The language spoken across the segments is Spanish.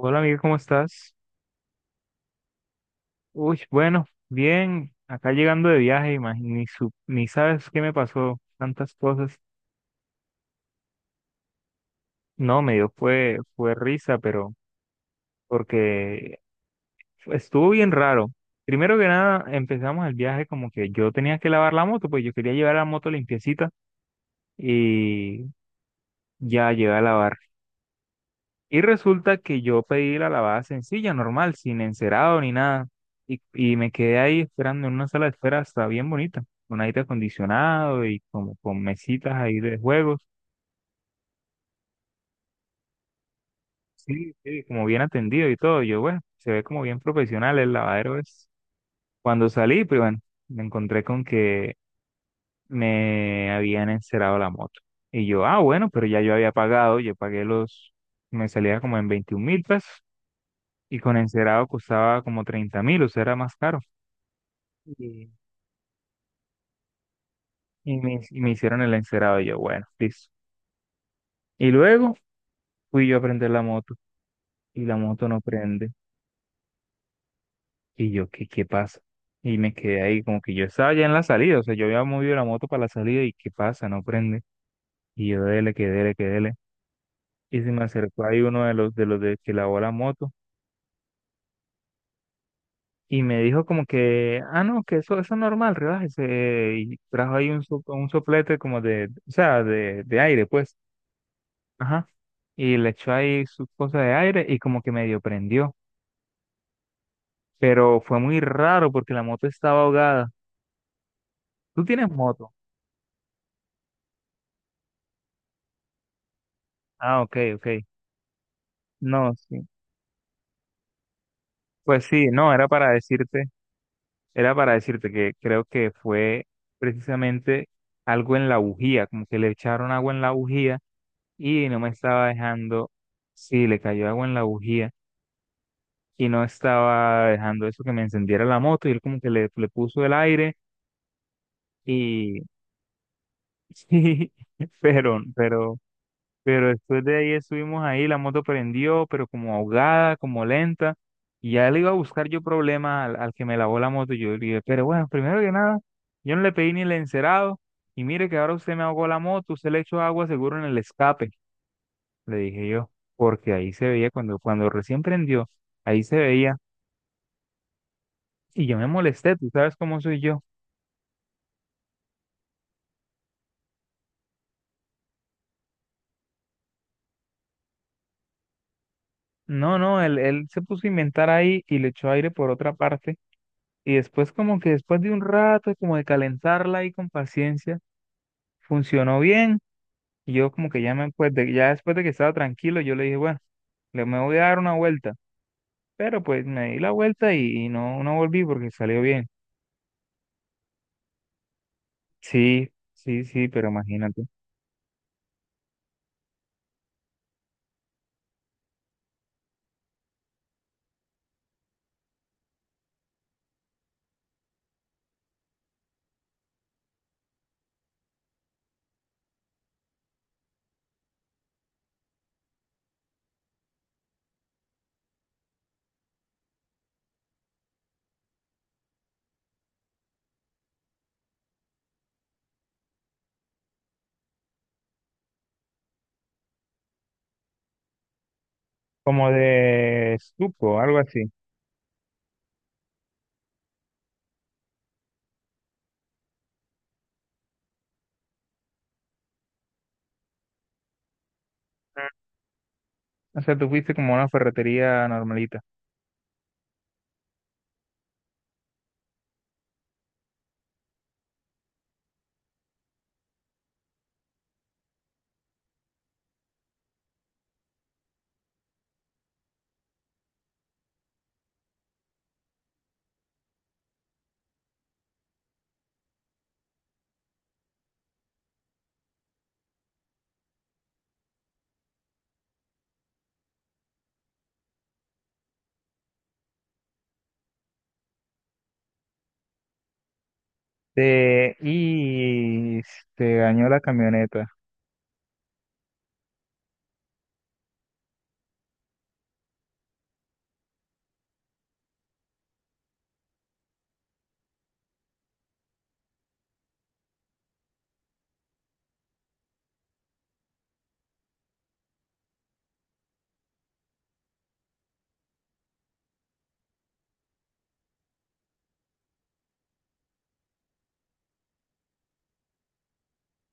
Hola, amiga, ¿cómo estás? Uy, bueno, bien, acá llegando de viaje, imagi- ni, su- ni sabes qué me pasó, tantas cosas. No, me dio fue risa, pero porque estuvo bien raro. Primero que nada, empezamos el viaje como que yo tenía que lavar la moto, pues yo quería llevar la moto limpiecita y ya llegué a lavarla. Y resulta que yo pedí la lavada sencilla, normal, sin encerado ni nada. Y me quedé ahí esperando en una sala de espera, está bien bonita, con aire acondicionado y como con mesitas ahí de juegos. Sí, sí, como bien atendido y todo. Yo, bueno, se ve como bien profesional el lavadero es. Cuando salí, pues bueno, me encontré con que me habían encerado la moto. Y yo, ah, bueno, pero ya yo había pagado, yo pagué los, me salía como en 21.000 pesos, y con encerado costaba como 30.000, o sea, era más caro. Y, y me hicieron el encerado. Y yo, bueno, listo. Y luego fui yo a prender la moto y la moto no prende. Y yo, ¿qué, qué pasa? Y me quedé ahí, como que yo estaba ya en la salida. O sea, yo había movido la moto para la salida y ¿qué pasa? No prende. Y yo, dele, que dele, que dele. Y se me acercó ahí uno de los de que lavó la moto y me dijo como que, ah, no, que eso es normal, relájese. Y trajo ahí un, so- un soplete como de, o sea, de aire, pues. Ajá. Y le echó ahí sus cosas de aire y como que medio prendió. Pero fue muy raro porque la moto estaba ahogada. ¿Tú tienes moto? Ah, ok, ok. No, sí. Pues sí, no, era para decirte que creo que fue precisamente algo en la bujía, como que le echaron agua en la bujía y no me estaba dejando, sí, le cayó agua en la bujía y no estaba dejando eso que me encendiera la moto y él como que le puso el aire y sí, pero, pero, pero después de ahí estuvimos ahí, la moto prendió, pero como ahogada, como lenta, y ya le iba a buscar yo problemas al, al que me lavó la moto, y yo le dije, pero bueno, primero que nada, yo no le pedí ni el encerado, y mire que ahora usted me ahogó la moto, usted le echó agua seguro en el escape, le dije yo, porque ahí se veía cuando, cuando recién prendió, ahí se veía, y yo me molesté, tú sabes cómo soy yo. No, no, él se puso a inventar ahí y le echó aire por otra parte. Y después como que después de un rato, como de calentarla ahí con paciencia, funcionó bien. Y yo como que ya me, pues de- ya después de que estaba tranquilo, yo le dije, bueno, le me voy a dar una vuelta. Pero pues me di la vuelta y no, no volví porque salió bien. Sí, sí, sí, pero imagínate. Como de suco, algo así. O sea, tú fuiste como a una ferretería normalita. Te- y te dañó la camioneta.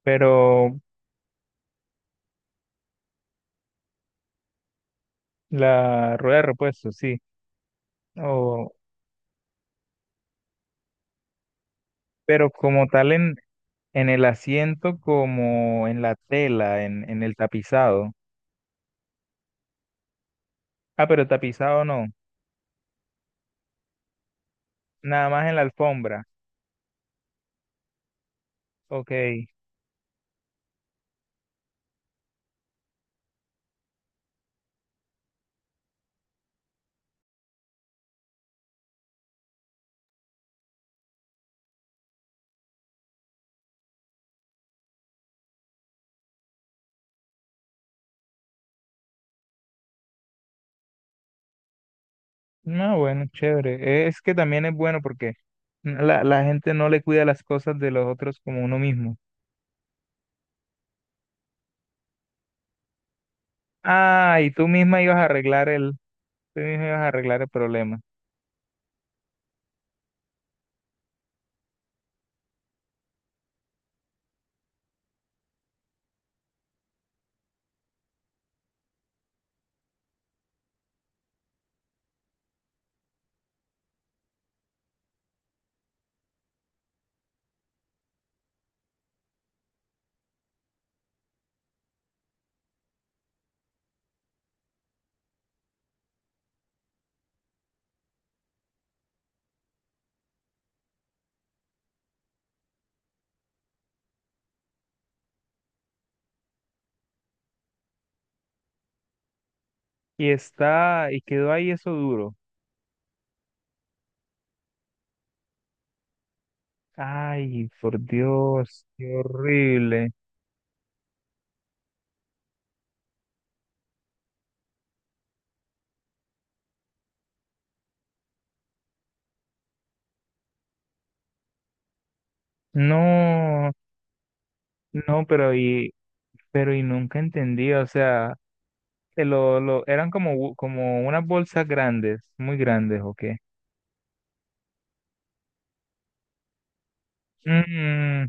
Pero la rueda de repuesto, sí. O pero como tal en el asiento, como en la tela, en el tapizado. Ah, pero tapizado no, nada más en la alfombra. Ok. No, bueno, chévere. Es que también es bueno porque la gente no le cuida las cosas de los otros como uno mismo. Ah, y tú misma ibas a arreglar el, tú misma ibas a arreglar el problema. Y está, y quedó ahí eso duro. Ay, por Dios, qué horrible. No, no, pero y nunca entendí, o sea, que lo, eran como, bu- como unas bolsas grandes, muy grandes, ¿o qué? Mm,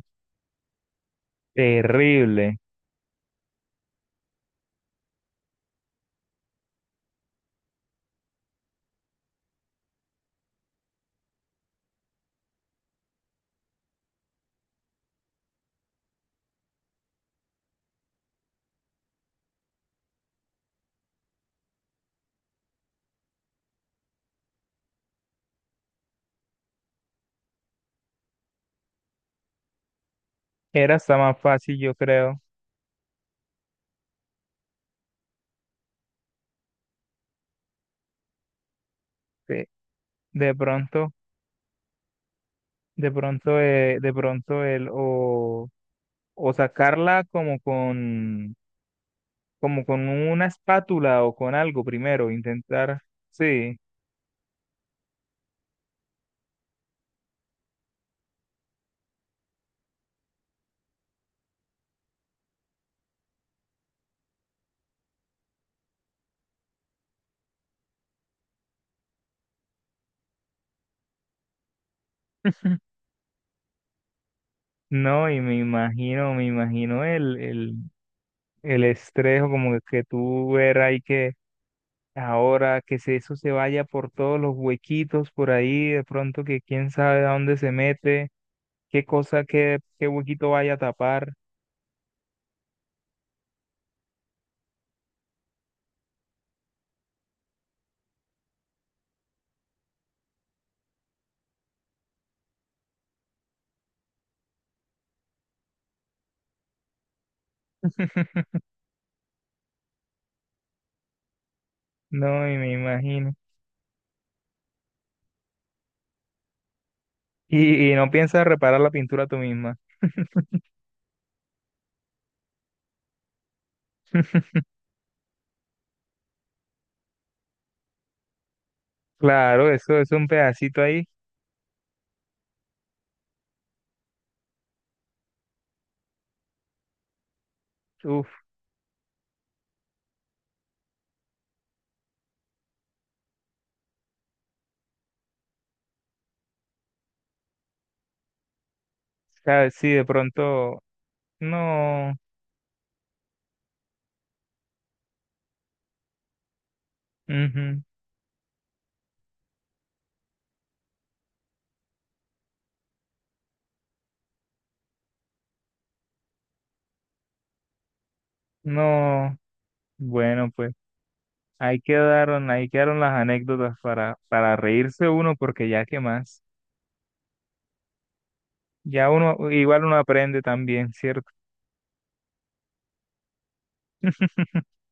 terrible. Era hasta más fácil, yo creo, que de pronto, de pronto el, o sacarla como con una espátula o con algo primero, intentar, sí, no, y me imagino el estrés o como que tú ver ahí que ahora que se- eso se vaya por todos los huequitos por ahí, de pronto que quién sabe a dónde se mete, qué cosa, qué, qué huequito vaya a tapar. No, y me imagino. Y no piensas reparar la pintura tú misma. Claro, eso es un pedacito ahí. Uf, sabes, sí, de pronto, no, ujú, no. Bueno, pues ahí quedaron las anécdotas para reírse uno, porque ya qué más. Ya uno, igual uno aprende también, ¿cierto?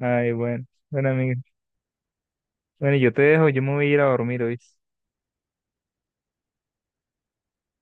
Ay, bueno. Bueno, amigo. Bueno, yo te dejo, yo me voy a ir a dormir hoy.